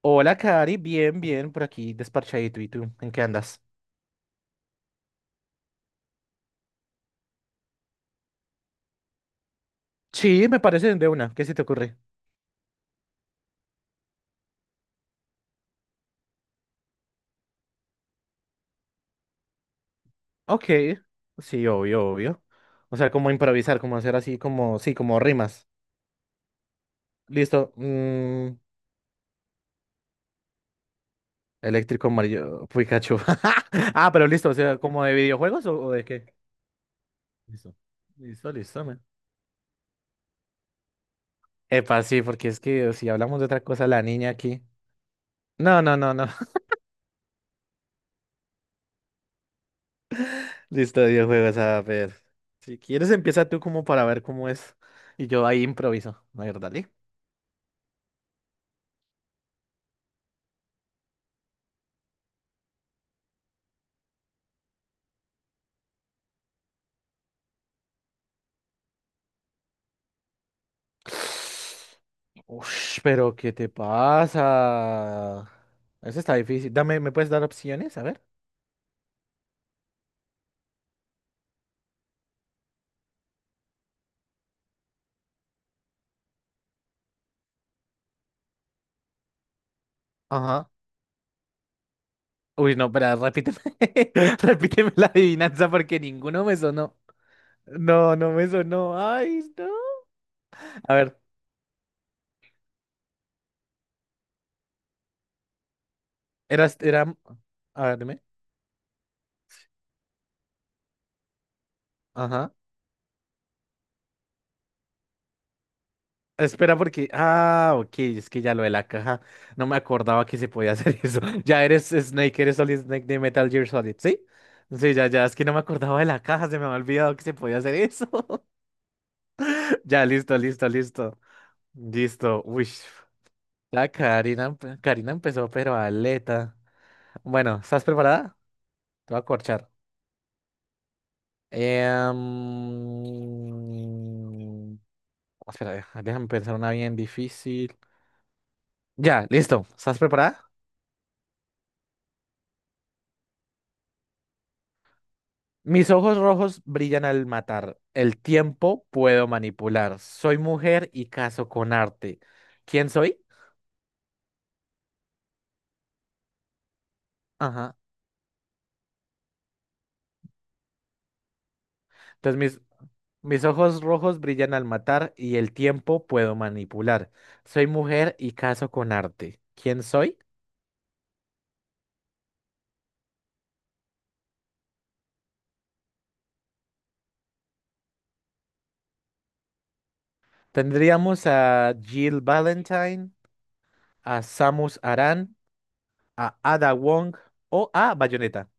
Hola, Cari, bien, bien, por aquí, desparchadito. ¿Y tú? ¿En qué andas? Sí, me parece de una. ¿Qué se te ocurre? Ok, sí, obvio, obvio. O sea, como improvisar, como hacer así, como, sí, como rimas. Listo. Eléctrico amarillo, Pikachu. Ah, pero listo, o sea, ¿como de videojuegos o de qué? Listo, listo, listo, man. Epa, sí, porque es que si hablamos de otra cosa, la niña aquí. No, no, no, no. Listo, videojuegos, a ver. Si quieres, empieza tú como para ver cómo es. Y yo ahí improviso. A ver, dale. Ush, pero ¿qué te pasa? Eso está difícil. Dame, ¿me puedes dar opciones? A ver. Ajá. Uy, no, espera, repíteme. Repíteme la adivinanza porque ninguno me sonó. No, no me sonó. Ay, no. A ver, era. A ver, dime. Ajá. Espera, porque. Ah, ok, es que ya lo de la caja. No me acordaba que se podía hacer eso. Ya eres Snake, eres Solid Snake de Metal Gear Solid, ¿sí? Sí, ya, ya, es que no me acordaba de la caja, se me había olvidado que se podía hacer eso. Ya, listo, listo, listo. Listo, uy. La Karina, Karina empezó, pero aleta. Bueno, ¿estás preparada? Te voy a corchar. Em, Espera, déjame pensar una bien difícil. Ya, listo. ¿Estás preparada? Mis ojos rojos brillan al matar. El tiempo puedo manipular. Soy mujer y caso con arte. ¿Quién soy? Ajá. Entonces mis, Mis ojos rojos brillan al matar y el tiempo puedo manipular. Soy mujer y caso con arte. ¿Quién soy? Tendríamos a Jill Valentine, a Samus Aran, a Ada Wong o a Bayonetta.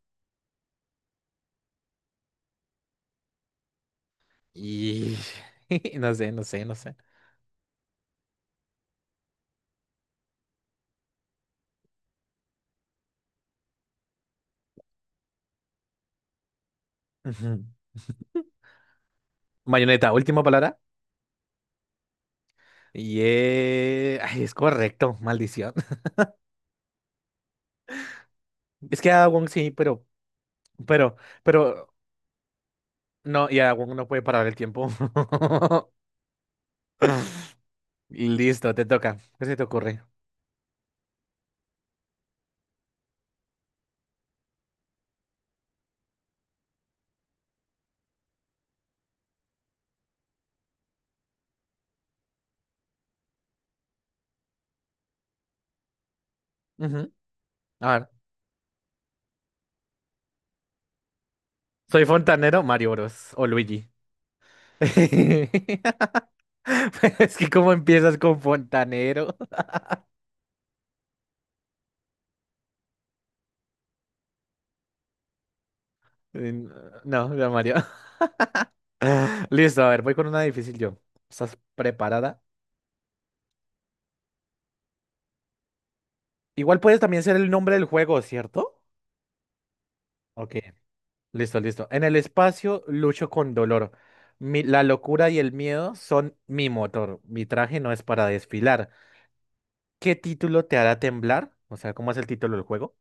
Y no sé, no sé, no sé. Ujú. Bayonetta, última palabra. Y ay, es correcto, maldición. Es que a Wong sí, pero, pero, no, y a Wong no puede parar el tiempo. Listo, te toca. ¿Qué se te ocurre? Ujú. A ver, soy fontanero, Mario Bros. O Luigi. Es que cómo empiezas con fontanero. Mm, No, ya Mario. Listo, a ver, voy con una difícil yo. ¿Estás preparada? Igual puedes también ser el nombre del juego, ¿cierto? Ok. Listo, listo. En el espacio lucho con dolor. La locura y el miedo son mi motor. Mi traje no es para desfilar. ¿Qué título te hará temblar? O sea, ¿cómo es el título del juego?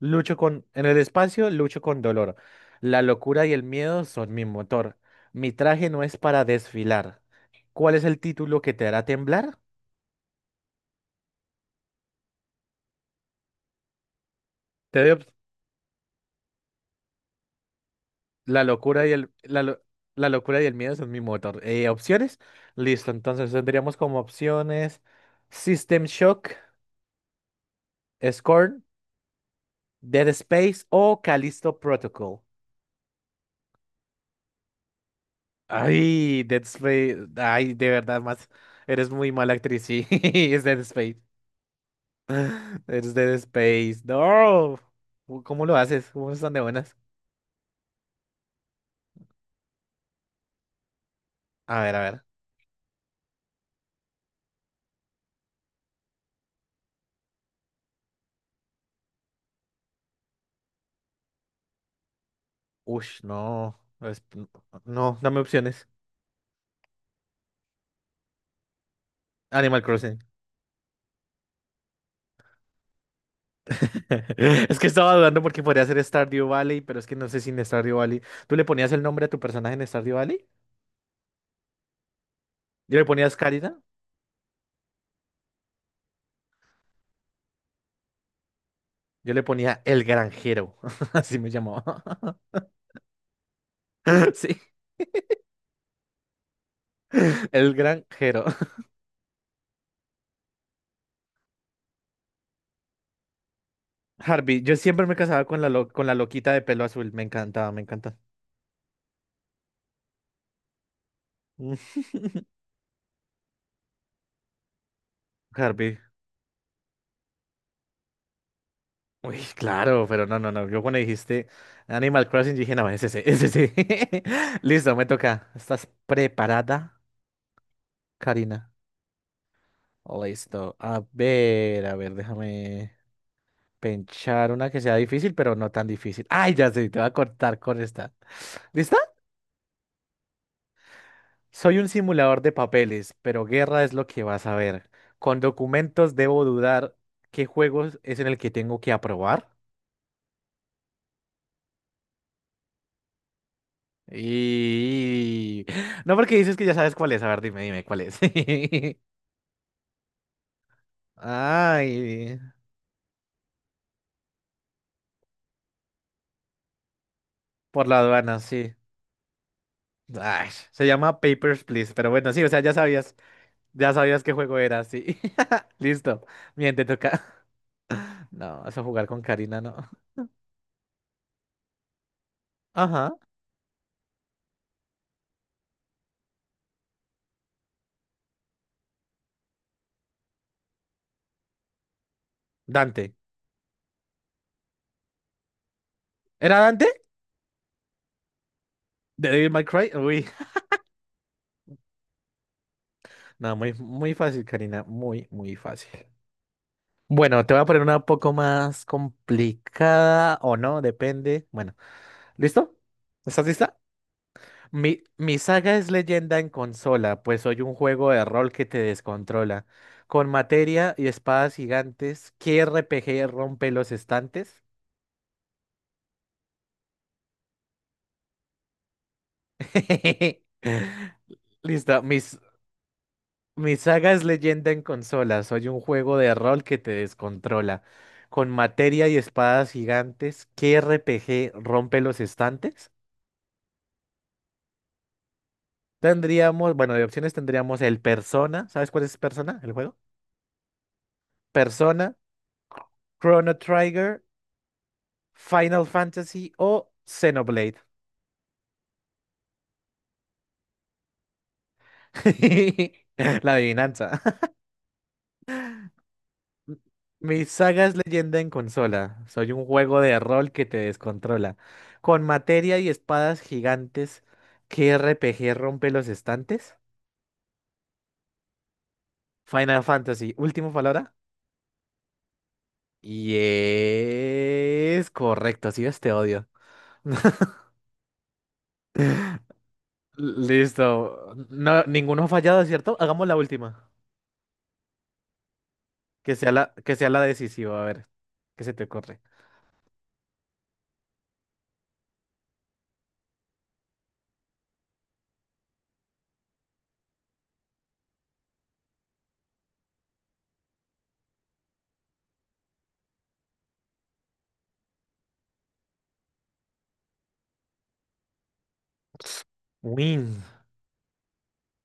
En el espacio lucho con dolor. La locura y el miedo son mi motor. Mi traje no es para desfilar. ¿Cuál es el título que te hará temblar? Te doy op- La locura y el... La, lo- la locura y el miedo son mi motor. ¿Opciones? Listo, entonces tendríamos como opciones System Shock, Scorn, Dead Space o Callisto Protocol. Ay, Dead Space. Ay, de verdad, más. Eres muy mala actriz, sí. Es Dead Space. Eres Dead Space. No. Uy, ¿cómo lo haces? ¿Cómo están de buenas? A ver, a ver. Ush, no. Es- No, dame opciones. Animal Crossing. Es que estaba dudando porque podría ser Stardew Valley, pero es que no sé si en Stardew Valley. ¿Tú le ponías el nombre a tu personaje en Stardew Valley? ¿Y le ponías Carita? Yo le ponía el granjero, así me llamaba. Sí, el granjero. Harvey, yo siempre me casaba con con la loquita de pelo azul, me encantaba, me encanta. Harvey. Uy, claro, pero no, no, no. Yo cuando dijiste Animal Crossing dije, no, ese, es ese. Sí. Listo, me toca. ¿Estás preparada, Karina? Listo. A ver, déjame pensar una que sea difícil, pero no tan difícil. Ay, ya sé, te voy a cortar con esta. ¿Lista? Soy un simulador de papeles, pero guerra es lo que vas a ver. Con documentos debo dudar qué juegos es en el que tengo que aprobar. Y... No porque dices que ya sabes cuál es. A ver, dime, dime cuál es. Ay, por la aduana, sí. Ay, se llama Papers, Please. Pero bueno, sí, o sea, ya sabías. Ya sabías qué juego era, sí. Listo. Bien, te toca. No, vas a jugar con Karina, no. Ajá. Dante. ¿Era Dante? ¿De Devil May Cry? Uy. No, muy, muy fácil, Karina. Muy, muy fácil. Bueno, te voy a poner una poco más complicada o no, depende. Bueno, ¿listo? ¿Estás lista? Mi saga es leyenda en consola, pues soy un juego de rol que te descontrola. Con materia y espadas gigantes, ¿qué RPG rompe los estantes? Listo, mis, Mi saga es leyenda en consola. Soy un juego de rol que te descontrola. Con materia y espadas gigantes, ¿qué RPG rompe los estantes? Tendríamos, bueno, de opciones tendríamos el Persona. ¿Sabes cuál es Persona, el juego? Persona, Chrono Trigger, Final Fantasy o Xenoblade. La adivinanza. Mi saga es leyenda en consola. Soy un juego de rol que te descontrola. Con materia y espadas gigantes, ¿qué RPG rompe los estantes? Final Fantasy, última palabra. Y es correcto, sí ves, te odio. Listo. No, ninguno ha fallado, ¿cierto? Hagamos la última. Que sea la decisiva, a ver. ¿Qué se te ocurre? Win.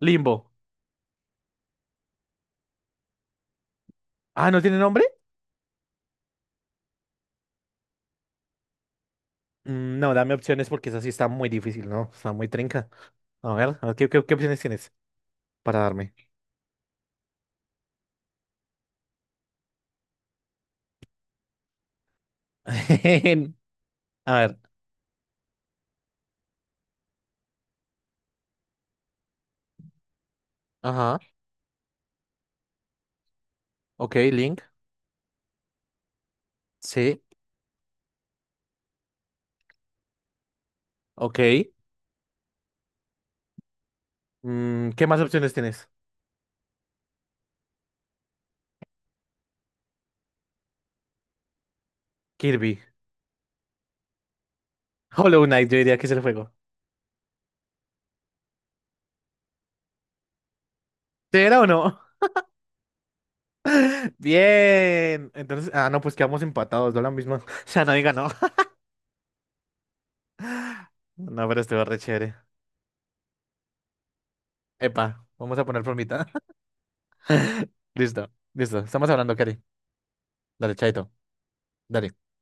Limbo. Ah, ¿no tiene nombre? No, dame opciones porque esa sí está muy difícil, ¿no? Está muy trinca. A ver, ¿qué, qué, qué opciones tienes para darme? A ver. Ajá. Ok, Link. Sí. Ok. Mm, ¿qué más opciones tienes? Kirby. Hollow Knight, yo diría que es el juego. ¿Sí era o no? Bien. Entonces, ah, no, pues quedamos empatados, no la misma. O sea, nadie ganó. No, pero estuvo re chévere. Epa, vamos a poner formita. Listo, listo. Estamos hablando, Cari. Dale, chaito. Dale.